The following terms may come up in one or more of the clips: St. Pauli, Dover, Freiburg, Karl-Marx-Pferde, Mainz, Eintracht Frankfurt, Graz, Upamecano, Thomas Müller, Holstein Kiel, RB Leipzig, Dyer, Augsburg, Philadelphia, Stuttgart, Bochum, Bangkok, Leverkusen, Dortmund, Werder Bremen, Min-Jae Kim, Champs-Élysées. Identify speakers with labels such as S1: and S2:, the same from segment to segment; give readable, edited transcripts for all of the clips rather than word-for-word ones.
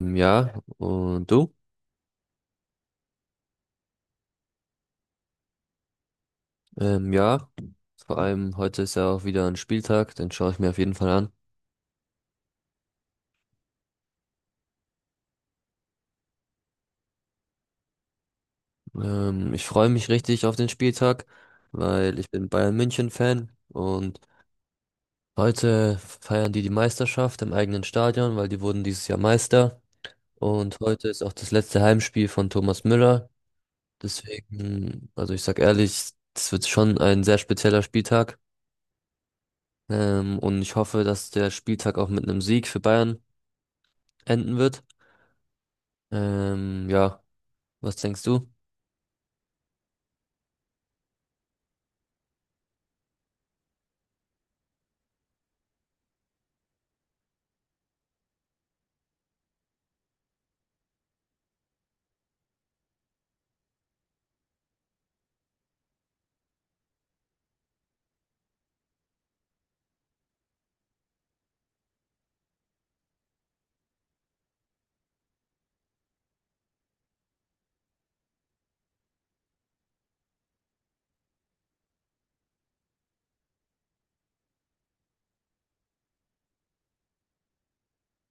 S1: Ja, und du? Ja, vor allem heute ist ja auch wieder ein Spieltag, den schaue ich mir auf jeden Fall an. Ich freue mich richtig auf den Spieltag, weil ich bin Bayern München-Fan und heute feiern die Meisterschaft im eigenen Stadion, weil die wurden dieses Jahr Meister. Und heute ist auch das letzte Heimspiel von Thomas Müller. Deswegen, also ich sag ehrlich, es wird schon ein sehr spezieller Spieltag. Und ich hoffe, dass der Spieltag auch mit einem Sieg für Bayern enden wird. Ja, was denkst du?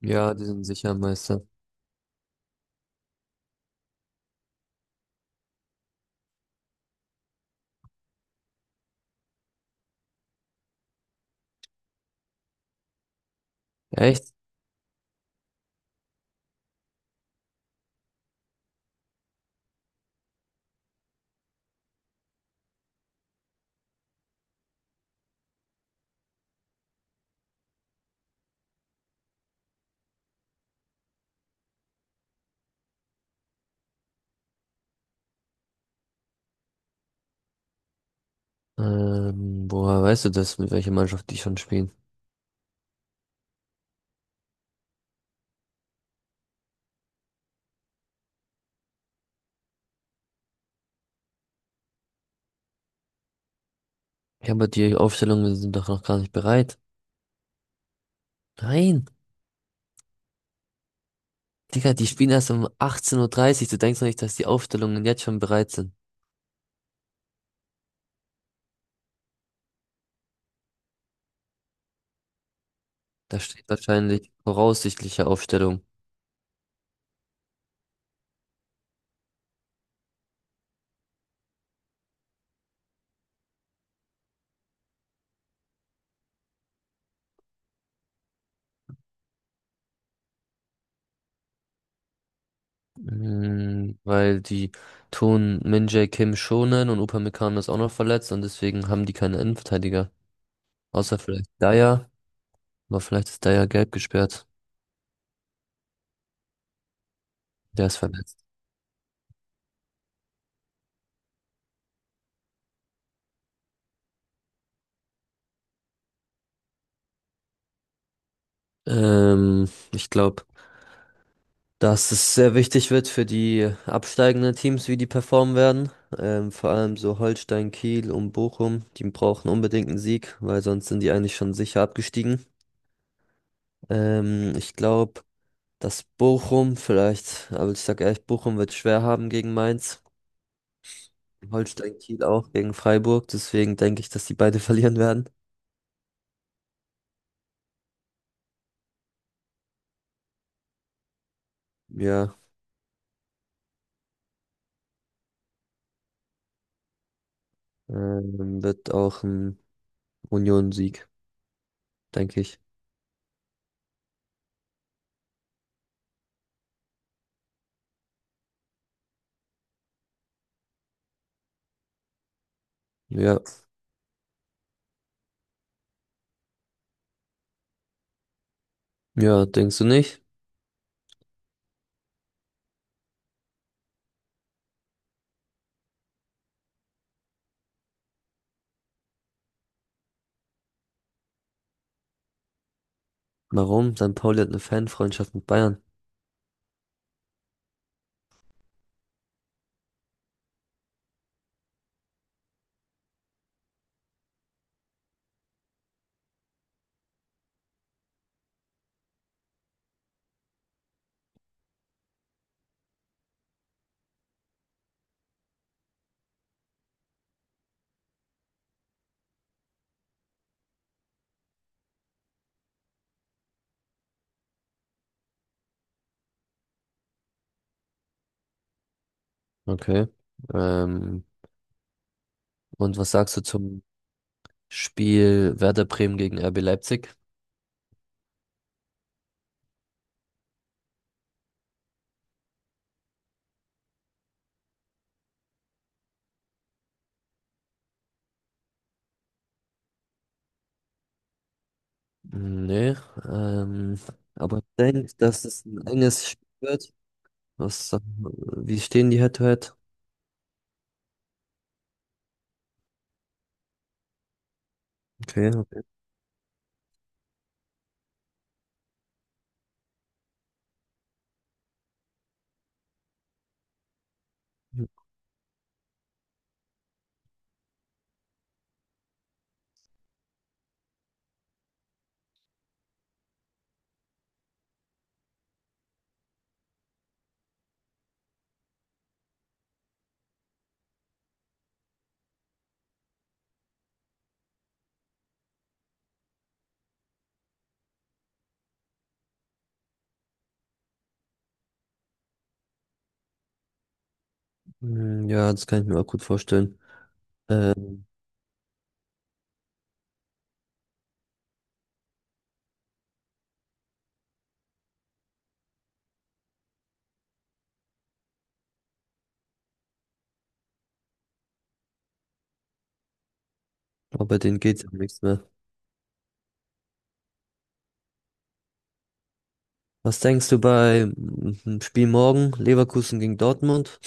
S1: Ja, mhm, die sind sicher Meister. Echt? Woher weißt du das, mit welcher Mannschaft die schon spielen? Ja, aber die Aufstellungen sind doch noch gar nicht bereit. Nein, Digga, die spielen erst um 18:30 Uhr. Dreißig. Du denkst doch nicht, dass die Aufstellungen jetzt schon bereit sind. Da steht wahrscheinlich voraussichtliche Aufstellung. Mhm, weil die tun Min-Jae Kim schonen und Upamecano ist auch noch verletzt und deswegen haben die keine Innenverteidiger. Außer vielleicht Dyer, aber vielleicht ist Dyer gelb gesperrt. Der ist verletzt. Ähm, Ich glaube, dass es sehr wichtig wird für die absteigenden Teams, wie die performen werden. Vor allem so Holstein, Kiel und Bochum, die brauchen unbedingt einen Sieg, weil sonst sind die eigentlich schon sicher abgestiegen. Ich glaube, dass Bochum vielleicht, aber ich sag ehrlich, Bochum wird schwer haben gegen Mainz. Holstein, Kiel auch gegen Freiburg. Deswegen denke ich, dass die beide verlieren werden. Ja, wird auch ein Union-Sieg, denke ich. Ja, ja, denkst du nicht? Warum? St. Pauli hat eine Fanfreundschaft mit Bayern. Okay. Ähm, und was sagst du zum Spiel Werder Bremen gegen RB Leipzig? Nee, ähm, aber ich denke, dass es ein enges Spiel wird. Was, wie stehen die Head-to-Head? Okay, okay. Hm, ja, das kann ich mir auch gut vorstellen. Ähm, aber denen geht's ja um nichts mehr. Was denkst du bei dem Spiel morgen? Leverkusen gegen Dortmund?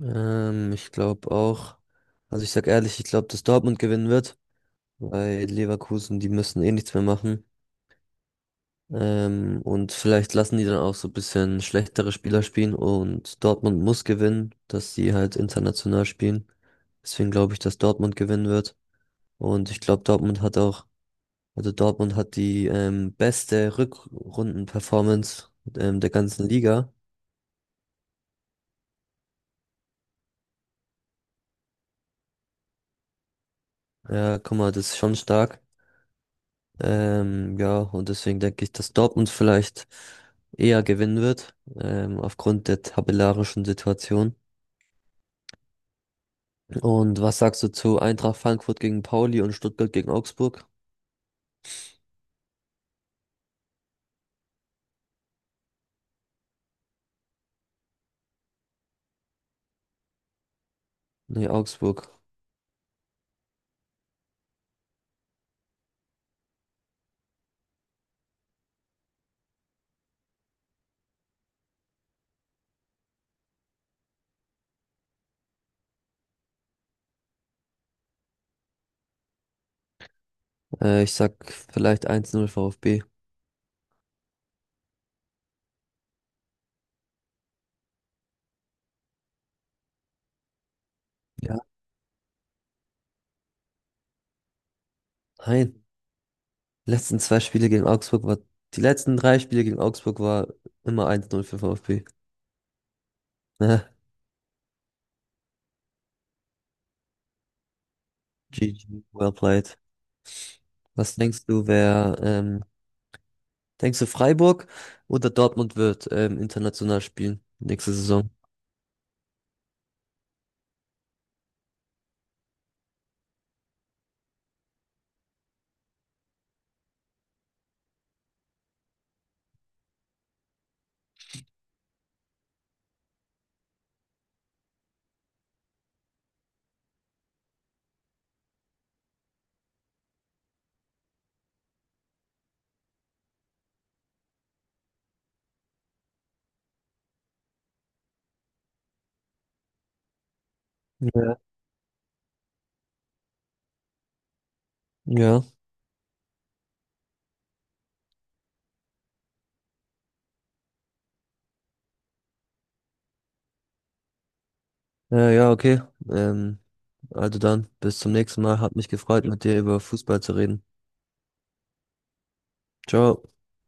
S1: Ich glaube auch, also ich sag ehrlich, ich glaube, dass Dortmund gewinnen wird, weil Leverkusen, die müssen eh nichts mehr machen. Und vielleicht lassen die dann auch so ein bisschen schlechtere Spieler spielen und Dortmund muss gewinnen, dass sie halt international spielen. Deswegen glaube ich, dass Dortmund gewinnen wird. Und ich glaube, Dortmund hat auch, also Dortmund hat die beste Rückrunden-Performance der ganzen Liga. Ja, guck mal, das ist schon stark. Ja, und deswegen denke ich, dass Dortmund vielleicht eher gewinnen wird, aufgrund der tabellarischen Situation. Und was sagst du zu Eintracht Frankfurt gegen Pauli und Stuttgart gegen Augsburg? Nee, Augsburg. Ich sag vielleicht 1:0 VfB. Ja. Nein, die letzten zwei Spiele gegen Augsburg war, die letzten drei Spiele gegen Augsburg war immer 1:0 für VfB. Ne? GG, well played. Was denkst du, wer denkst du, Freiburg oder Dortmund wird international spielen nächste Saison? Ja. Ja, ja, ja, okay. Ähm, also dann, bis zum nächsten Mal. Hat mich gefreut, mit dir über Fußball zu reden. Ciao.